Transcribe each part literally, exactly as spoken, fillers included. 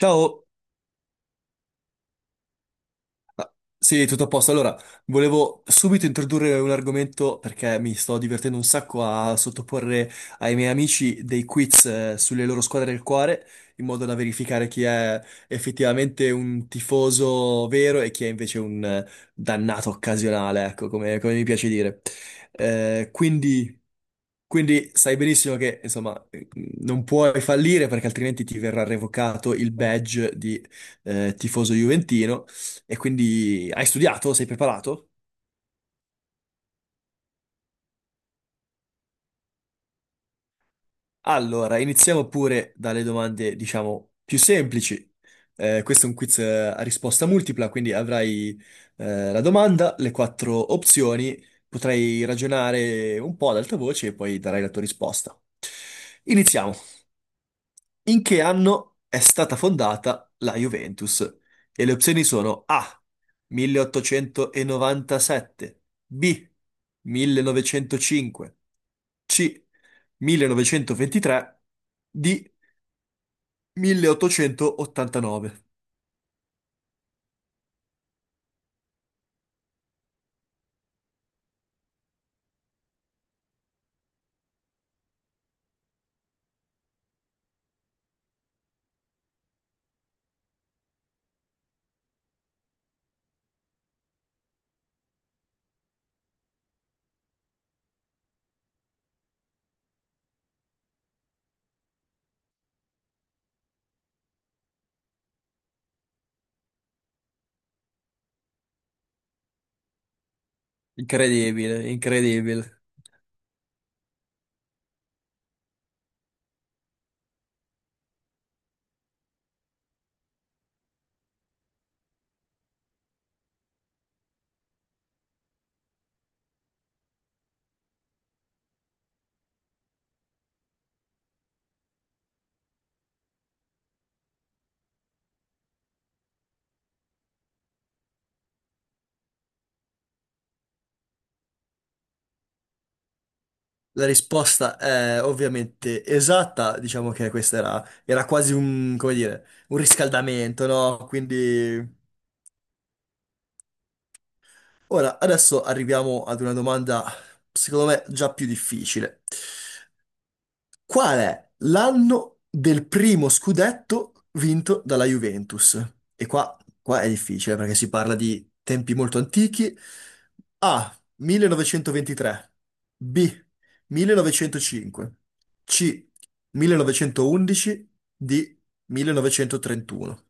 Ciao. Ah, sì, tutto a posto. Allora, volevo subito introdurre un argomento perché mi sto divertendo un sacco a sottoporre ai miei amici dei quiz eh, sulle loro squadre del cuore, in modo da verificare chi è effettivamente un tifoso vero e chi è invece un eh, dannato occasionale, ecco, come, come mi piace dire. Eh, quindi... Quindi sai benissimo che, insomma, eh, non puoi fallire perché altrimenti ti verrà revocato il badge di eh, tifoso juventino e quindi hai studiato? Sei preparato? Allora, iniziamo pure dalle domande, diciamo, più semplici. Eh, questo è un quiz eh, a risposta multipla, quindi avrai eh, la domanda, le quattro opzioni, potrai ragionare un po' ad alta voce e poi darai la tua risposta. Iniziamo. In che anno è stata fondata la Juventus? E le opzioni sono A. milleottocentonovantasette, B. millenovecentocinque, C. millenovecentoventitré, D. milleottocentoottantanove. Incredibile, incredibile. La risposta è ovviamente esatta, diciamo che questa era, era quasi un, come dire, un riscaldamento, no? Quindi... Ora, adesso arriviamo ad una domanda, secondo me, già più difficile. Qual è l'anno del primo scudetto vinto dalla Juventus? E qua, qua è difficile perché si parla di tempi molto antichi. A. millenovecentoventitré. B. millenovecentocinque. C. millenovecentoundici. D. millenovecentotrentuno.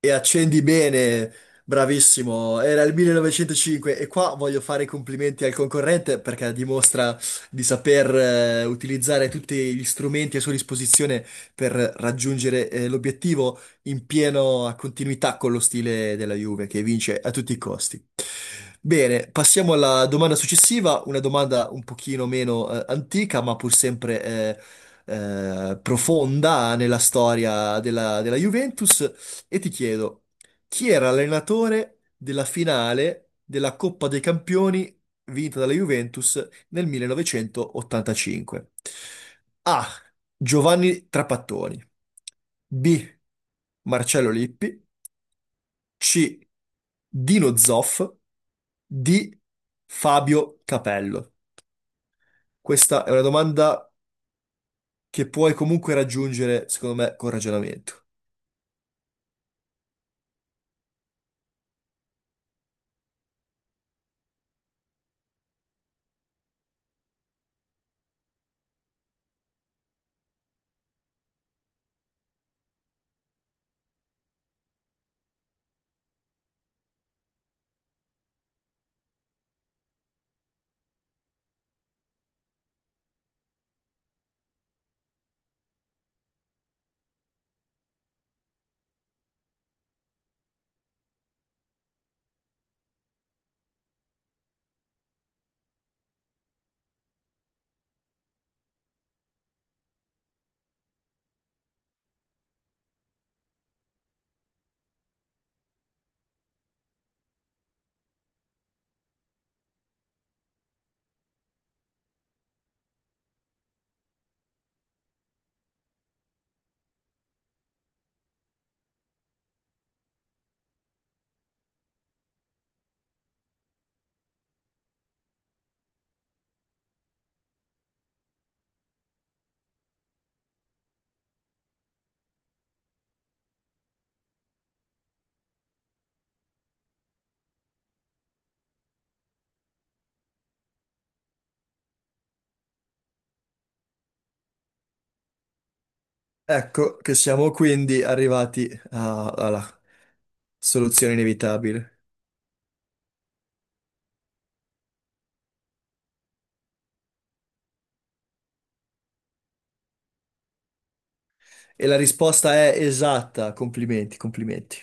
E accendi bene, bravissimo. Era il millenovecentocinque e qua voglio fare i complimenti al concorrente perché dimostra di saper eh, utilizzare tutti gli strumenti a sua disposizione per raggiungere eh, l'obiettivo in piena continuità con lo stile della Juve che vince a tutti i costi. Bene, passiamo alla domanda successiva, una domanda un pochino meno eh, antica, ma pur sempre eh, eh, profonda nella storia della della Juventus. E ti chiedo, chi era l'allenatore della finale della Coppa dei Campioni vinta dalla Juventus nel millenovecentoottantacinque? A. Giovanni Trapattoni. B. Marcello Lippi. C. Dino Zoff. D. Fabio Capello. Questa è una domanda che puoi comunque raggiungere, secondo me, con ragionamento. Ecco che siamo quindi arrivati a- alla soluzione inevitabile. E la risposta è esatta. Complimenti, complimenti.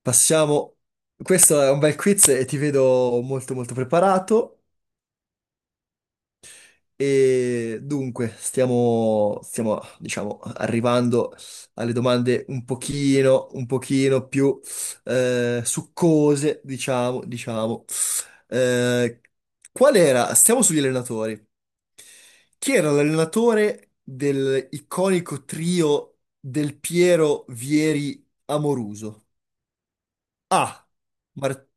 Passiamo. Questo è un bel quiz e ti vedo molto molto preparato. E dunque, stiamo, stiamo, diciamo, arrivando alle domande un pochino, un pochino più eh, succose, diciamo, diciamo. Eh, qual era? Stiamo sugli allenatori. Chi era l'allenatore del iconico trio Del Piero, Vieri, Amoruso? A. Mar-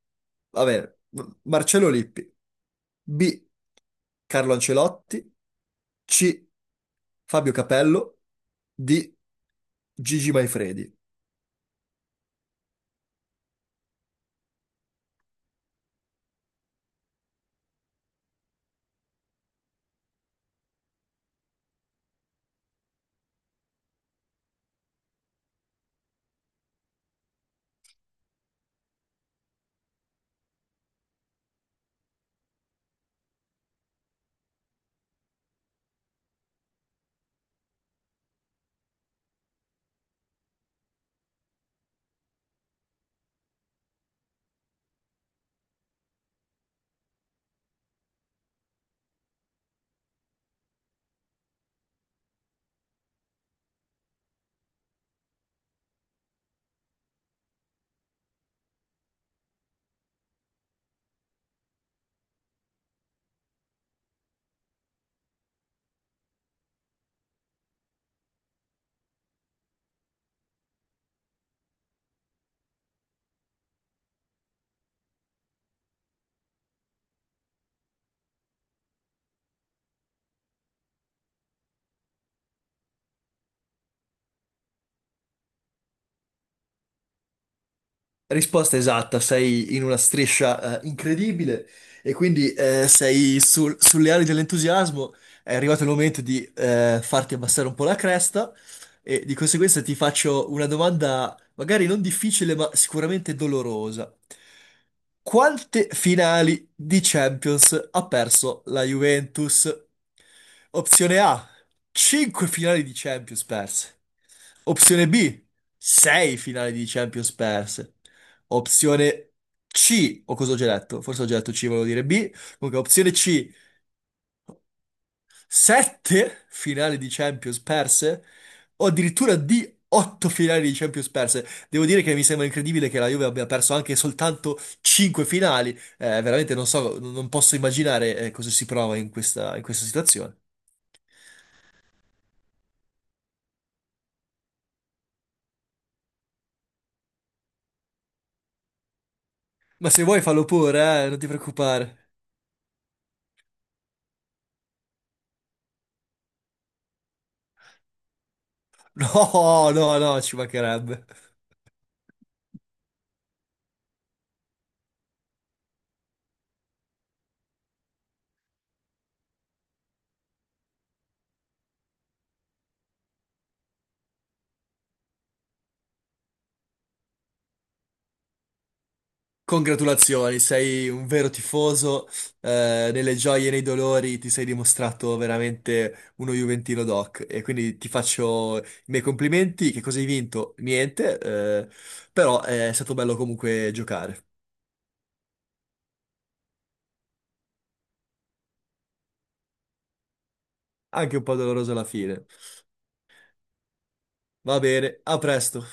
vabbè, Marcello Lippi. B. Carlo Ancelotti. C. Fabio Capello. D. Gigi Manfredi. Risposta esatta, sei in una striscia eh, incredibile e quindi eh, sei sul- sulle ali dell'entusiasmo, è arrivato il momento di eh, farti abbassare un po' la cresta e di conseguenza ti faccio una domanda magari non difficile ma sicuramente dolorosa. Quante finali di Champions ha perso la Juventus? Opzione A, cinque finali di Champions perse. Opzione B, sei finali di Champions perse. Opzione C, o cosa ho già detto? Forse ho già detto C, volevo dire B. Comunque, opzione C, sette finali di Champions perse, o addirittura D, otto finali di Champions perse. Devo dire che mi sembra incredibile che la Juve abbia perso anche soltanto cinque finali. Eh, veramente non so, non posso immaginare eh, cosa si prova in questa, in questa situazione. Ma se vuoi fallo pure, eh, non ti preoccupare. No, no, no, ci mancherebbe. Congratulazioni, sei un vero tifoso, eh, nelle gioie e nei dolori ti sei dimostrato veramente uno Juventino doc e quindi ti faccio i miei complimenti, che cosa hai vinto? Niente, eh, però è stato bello comunque giocare, anche un po' doloroso alla fine. Va bene, a presto.